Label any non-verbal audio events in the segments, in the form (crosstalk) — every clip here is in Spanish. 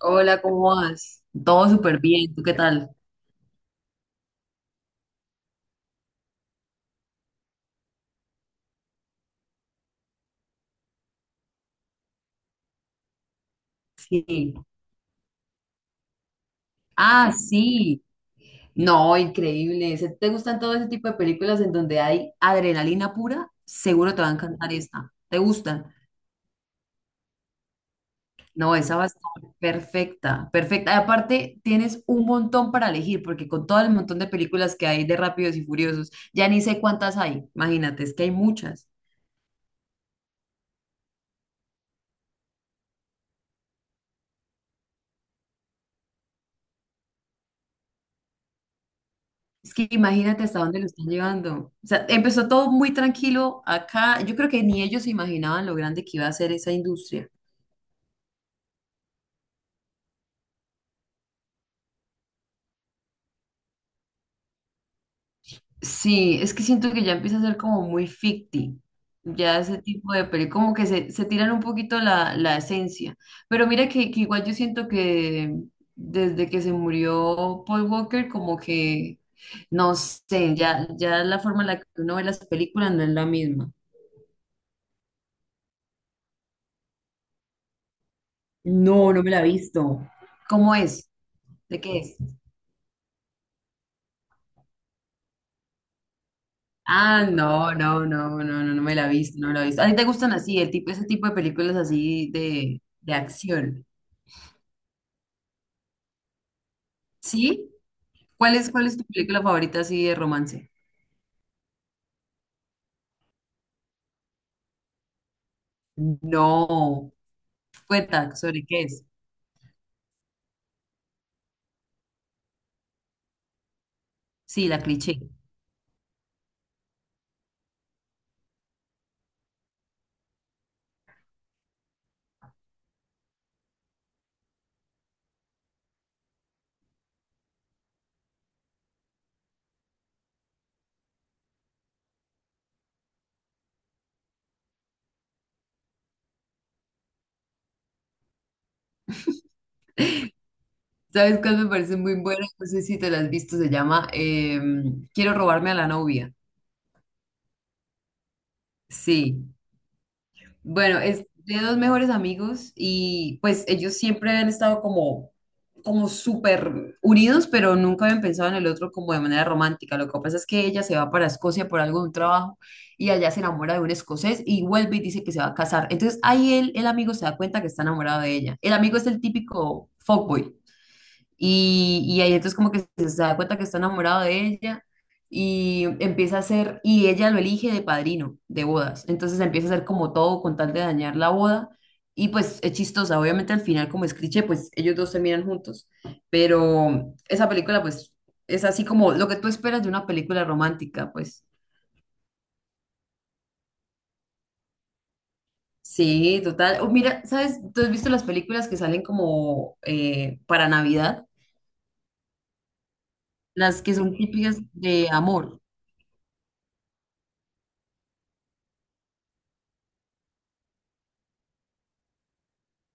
Hola, ¿cómo vas? Todo súper bien, ¿tú qué tal? Sí. Ah, sí. No, increíble. Si te gustan todo ese tipo de películas en donde hay adrenalina pura, seguro te va a encantar esta. ¿Te gustan? No, esa va a estar perfecta, perfecta. Y aparte, tienes un montón para elegir, porque con todo el montón de películas que hay de Rápidos y Furiosos, ya ni sé cuántas hay. Imagínate, es que hay muchas. Es que imagínate hasta dónde lo están llevando. O sea, empezó todo muy tranquilo acá. Yo creo que ni ellos se imaginaban lo grande que iba a ser esa industria. Sí, es que siento que ya empieza a ser como muy ficti. Ya ese tipo de peli, como que se tiran un poquito la esencia. Pero mira que igual yo siento que desde que se murió Paul Walker, como que, no sé, ya la forma en la que uno ve las películas no es la misma. No, no me la he visto. ¿Cómo es? ¿De qué es? Ah, no, no, no, no, no, no me la he visto, no me la he visto. ¿A ti te gustan así, el tipo, ese tipo de películas así de acción? ¿Sí? Cuál es tu película favorita así de romance? No. Cuenta, ¿sobre qué es? Sí, la cliché. (laughs) ¿Sabes cuál me parece muy buena? No sé si te la has visto, se llama Quiero robarme a la novia. Sí. Bueno, es de dos mejores amigos y pues ellos siempre han estado como, como súper unidos, pero nunca habían pensado en el otro como de manera romántica. Lo que pasa es que ella se va para Escocia por algo de un trabajo y allá se enamora de un escocés y vuelve y dice que se va a casar. Entonces ahí él, el amigo se da cuenta que está enamorado de ella. El amigo es el típico fuckboy. Y ahí entonces como que se da cuenta que está enamorado de ella y empieza a hacer, y ella lo elige de padrino de bodas. Entonces empieza a hacer como todo con tal de dañar la boda. Y pues es chistosa, obviamente al final como es cliché, pues ellos dos terminan juntos. Pero esa película pues es así como lo que tú esperas de una película romántica, pues. Sí, total. Oh, mira, ¿sabes? ¿Tú has visto las películas que salen como para Navidad? Las que son típicas de amor.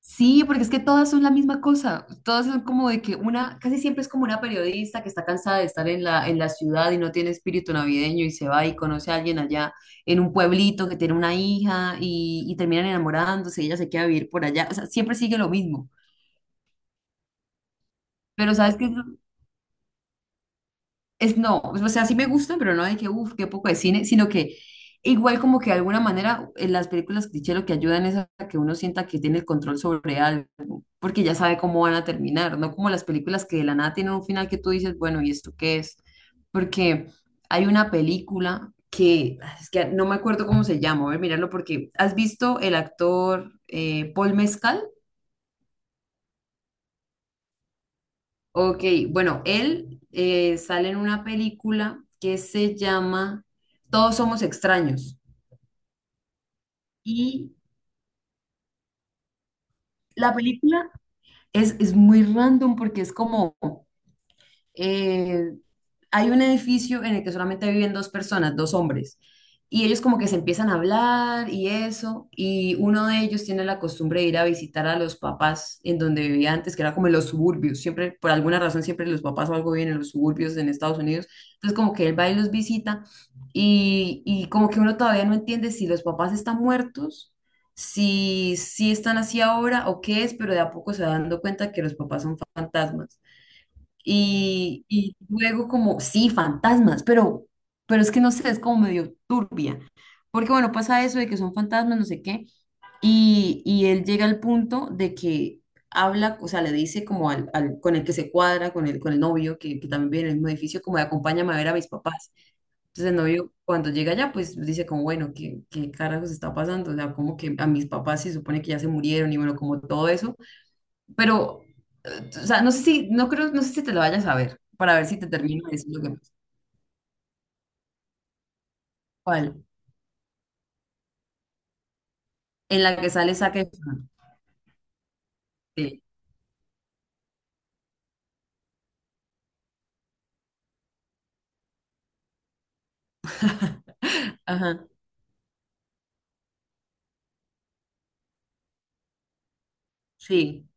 Sí, porque es que todas son la misma cosa. Todas son como de que una, casi siempre es como una periodista que está cansada de estar en la ciudad y no tiene espíritu navideño y se va y conoce a alguien allá en un pueblito que tiene una hija y terminan enamorándose y ella se queda a vivir por allá. O sea, siempre sigue lo mismo. Pero ¿sabes qué? Es no, o sea, sí me gustan, pero no de que, uff, qué poco de cine, sino que igual como que de alguna manera en las películas cliché lo que ayudan es a que uno sienta que tiene el control sobre algo, porque ya sabe cómo van a terminar, no como las películas que de la nada tienen un final que tú dices, bueno, ¿y esto qué es? Porque hay una película que, es que no me acuerdo cómo se llama, voy a ver, mirarlo porque, ¿has visto el actor Paul Mescal? Ok, bueno, él sale en una película que se llama Todos somos extraños. Y la película es muy random porque es como, eh, hay un edificio en el que solamente viven dos personas, dos hombres, y ellos como que se empiezan a hablar y eso, y uno de ellos tiene la costumbre de ir a visitar a los papás en donde vivía antes, que era como en los suburbios, siempre, por alguna razón, siempre los papás o algo viven en los suburbios en Estados Unidos, entonces como que él va y los visita, y como que uno todavía no entiende si los papás están muertos. Si, si están así ahora o qué es, pero de a poco se va dando cuenta que los papás son fantasmas. Y luego como, sí, fantasmas, pero es que no sé, es como medio turbia. Porque bueno, pasa eso de que son fantasmas, no sé qué. Y él llega al punto de que habla, o sea, le dice como al, al- con el que se cuadra, con el novio, que también vive en el mismo edificio, como de acompáñame a ver a mis papás. Entonces el novio cuando llega allá, pues dice como, bueno, ¿qué, qué carajos está pasando? O sea, como que a mis papás se supone que ya se murieron y bueno, como todo eso. Pero, o sea, no sé si, no creo, no sé si te lo vayas a ver, para ver si te termino de decir lo que pasa. ¿Cuál? En la que sale Zac Efron. Sí. Ajá, sí.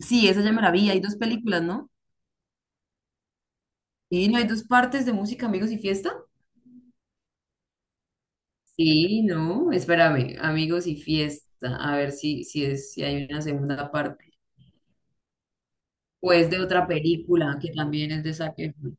Sí, esa ya me la vi. Hay dos películas, ¿no? Sí, ¿no hay dos partes de música, amigos y fiesta? Sí, no, espérame, amigos y fiesta. A ver si, si es, si hay una segunda parte. Pues de otra película que también es de Zac Efron.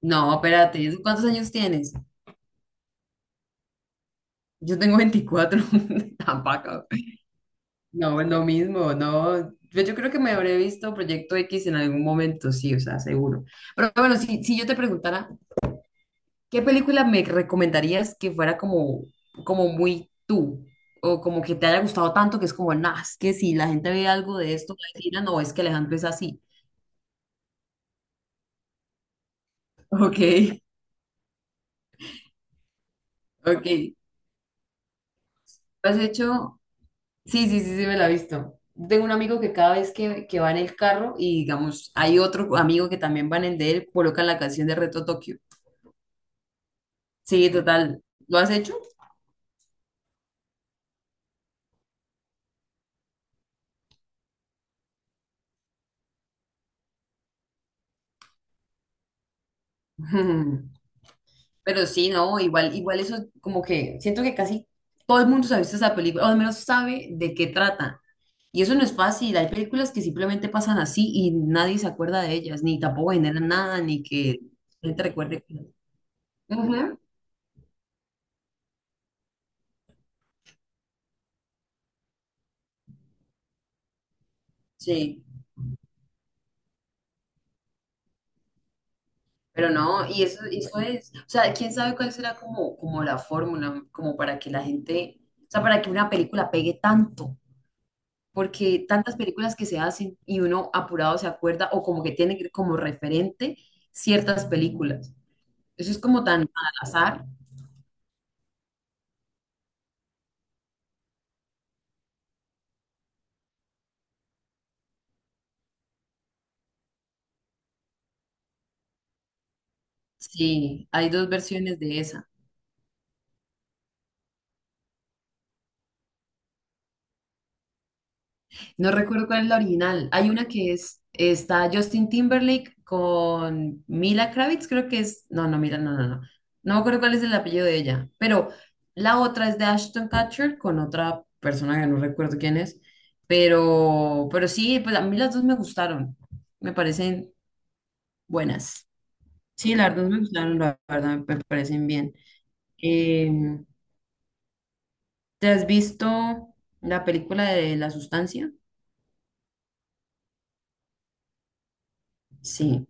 No, espérate, ¿cuántos años tienes? Yo tengo 24 (laughs) tampoco. No, es lo mismo, no. Pues yo creo que me habré visto Proyecto X en algún momento, sí, o sea, seguro. Pero bueno, si, si yo te preguntara, ¿qué película me recomendarías que fuera como, como muy tú? O como que te haya gustado tanto que es como, nah, es que si la gente ve algo de esto, va a decir, "Ah, no, es que Alejandro es así". (laughs) Ok, ok. ¿Lo has hecho? Sí, sí, sí, sí, me la he visto. Tengo un amigo que cada vez que va en el carro y digamos, hay otro amigo que también va en el de él, colocan la canción de Reto Tokio. Sí, total. ¿Lo has hecho? (laughs) Pero sí, no, igual, igual eso como que siento que casi todo el mundo se ha visto esa película, o al menos sabe de qué trata. Y eso no es fácil. Hay películas que simplemente pasan así y nadie se acuerda de ellas, ni tampoco generan nada, ni que la gente recuerde. Que- Ujú, sí, pero no, y eso es, o sea, quién sabe cuál será como, como la fórmula, como para que la gente, o sea, para que una película pegue tanto. Porque tantas películas que se hacen y uno apurado se acuerda o como que tiene que- como referente ciertas películas. Eso es como tan al azar. Sí, hay dos versiones de esa. No recuerdo cuál es la original. Hay una que es, está Justin Timberlake con Mila Kravitz, creo que es, no, no, Mila, no, no, no. No me acuerdo cuál es el apellido de ella, pero la otra es de Ashton Kutcher con otra persona que no recuerdo quién es, pero sí, pues a mí las dos me gustaron. Me parecen buenas. Sí, las dos me gustaron, la verdad, me parecen bien. Eh, ¿Te has visto la película de La Sustancia? Sí.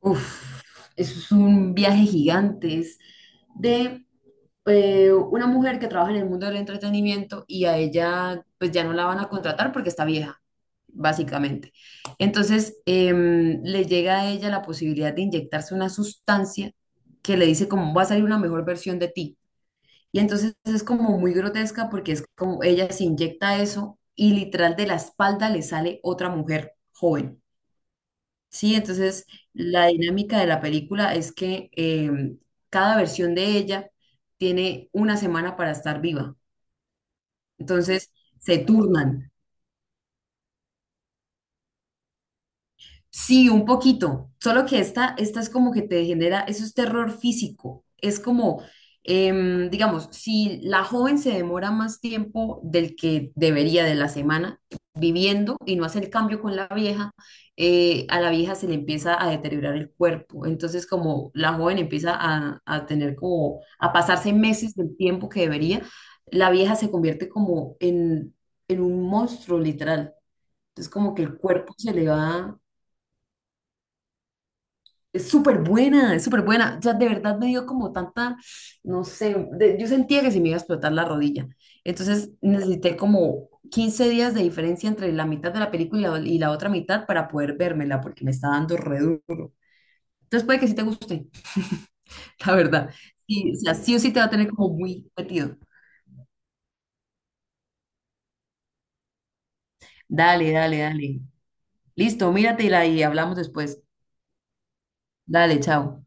Uf, eso es un viaje gigante. Es de una mujer que trabaja en el mundo del entretenimiento y a ella pues ya no la van a contratar porque está vieja, básicamente. Entonces le llega a ella la posibilidad de inyectarse una sustancia que le dice como va a salir una mejor versión de ti. Y entonces es como muy grotesca porque es como ella se inyecta eso y literal de la espalda le sale otra mujer joven. Sí, entonces la dinámica de la película es que cada versión de ella tiene una semana para estar viva. Entonces se turnan. Sí, un poquito. Solo que esta es como que te genera, eso es terror físico. Es como, digamos, si la joven se demora más tiempo del que debería de la semana viviendo y no hace el cambio con la vieja, a la vieja se le empieza a deteriorar el cuerpo. Entonces, como la joven empieza a tener como, a pasarse meses del tiempo que debería, la vieja se convierte como en un monstruo literal. Entonces, como que el cuerpo se le va. Es súper buena, es súper buena. O sea, de verdad me dio como tanta, no sé, de- yo sentía que se me iba a explotar la rodilla. Entonces necesité como 15 días de diferencia entre la mitad de la película y la otra mitad para poder vérmela, porque me está dando re duro. Entonces puede que sí te guste, (laughs) la verdad. Sí, o sea, sí o sí te va a tener como muy metido. Dale, dale, dale. Listo, míratela y hablamos después. Dale, chao.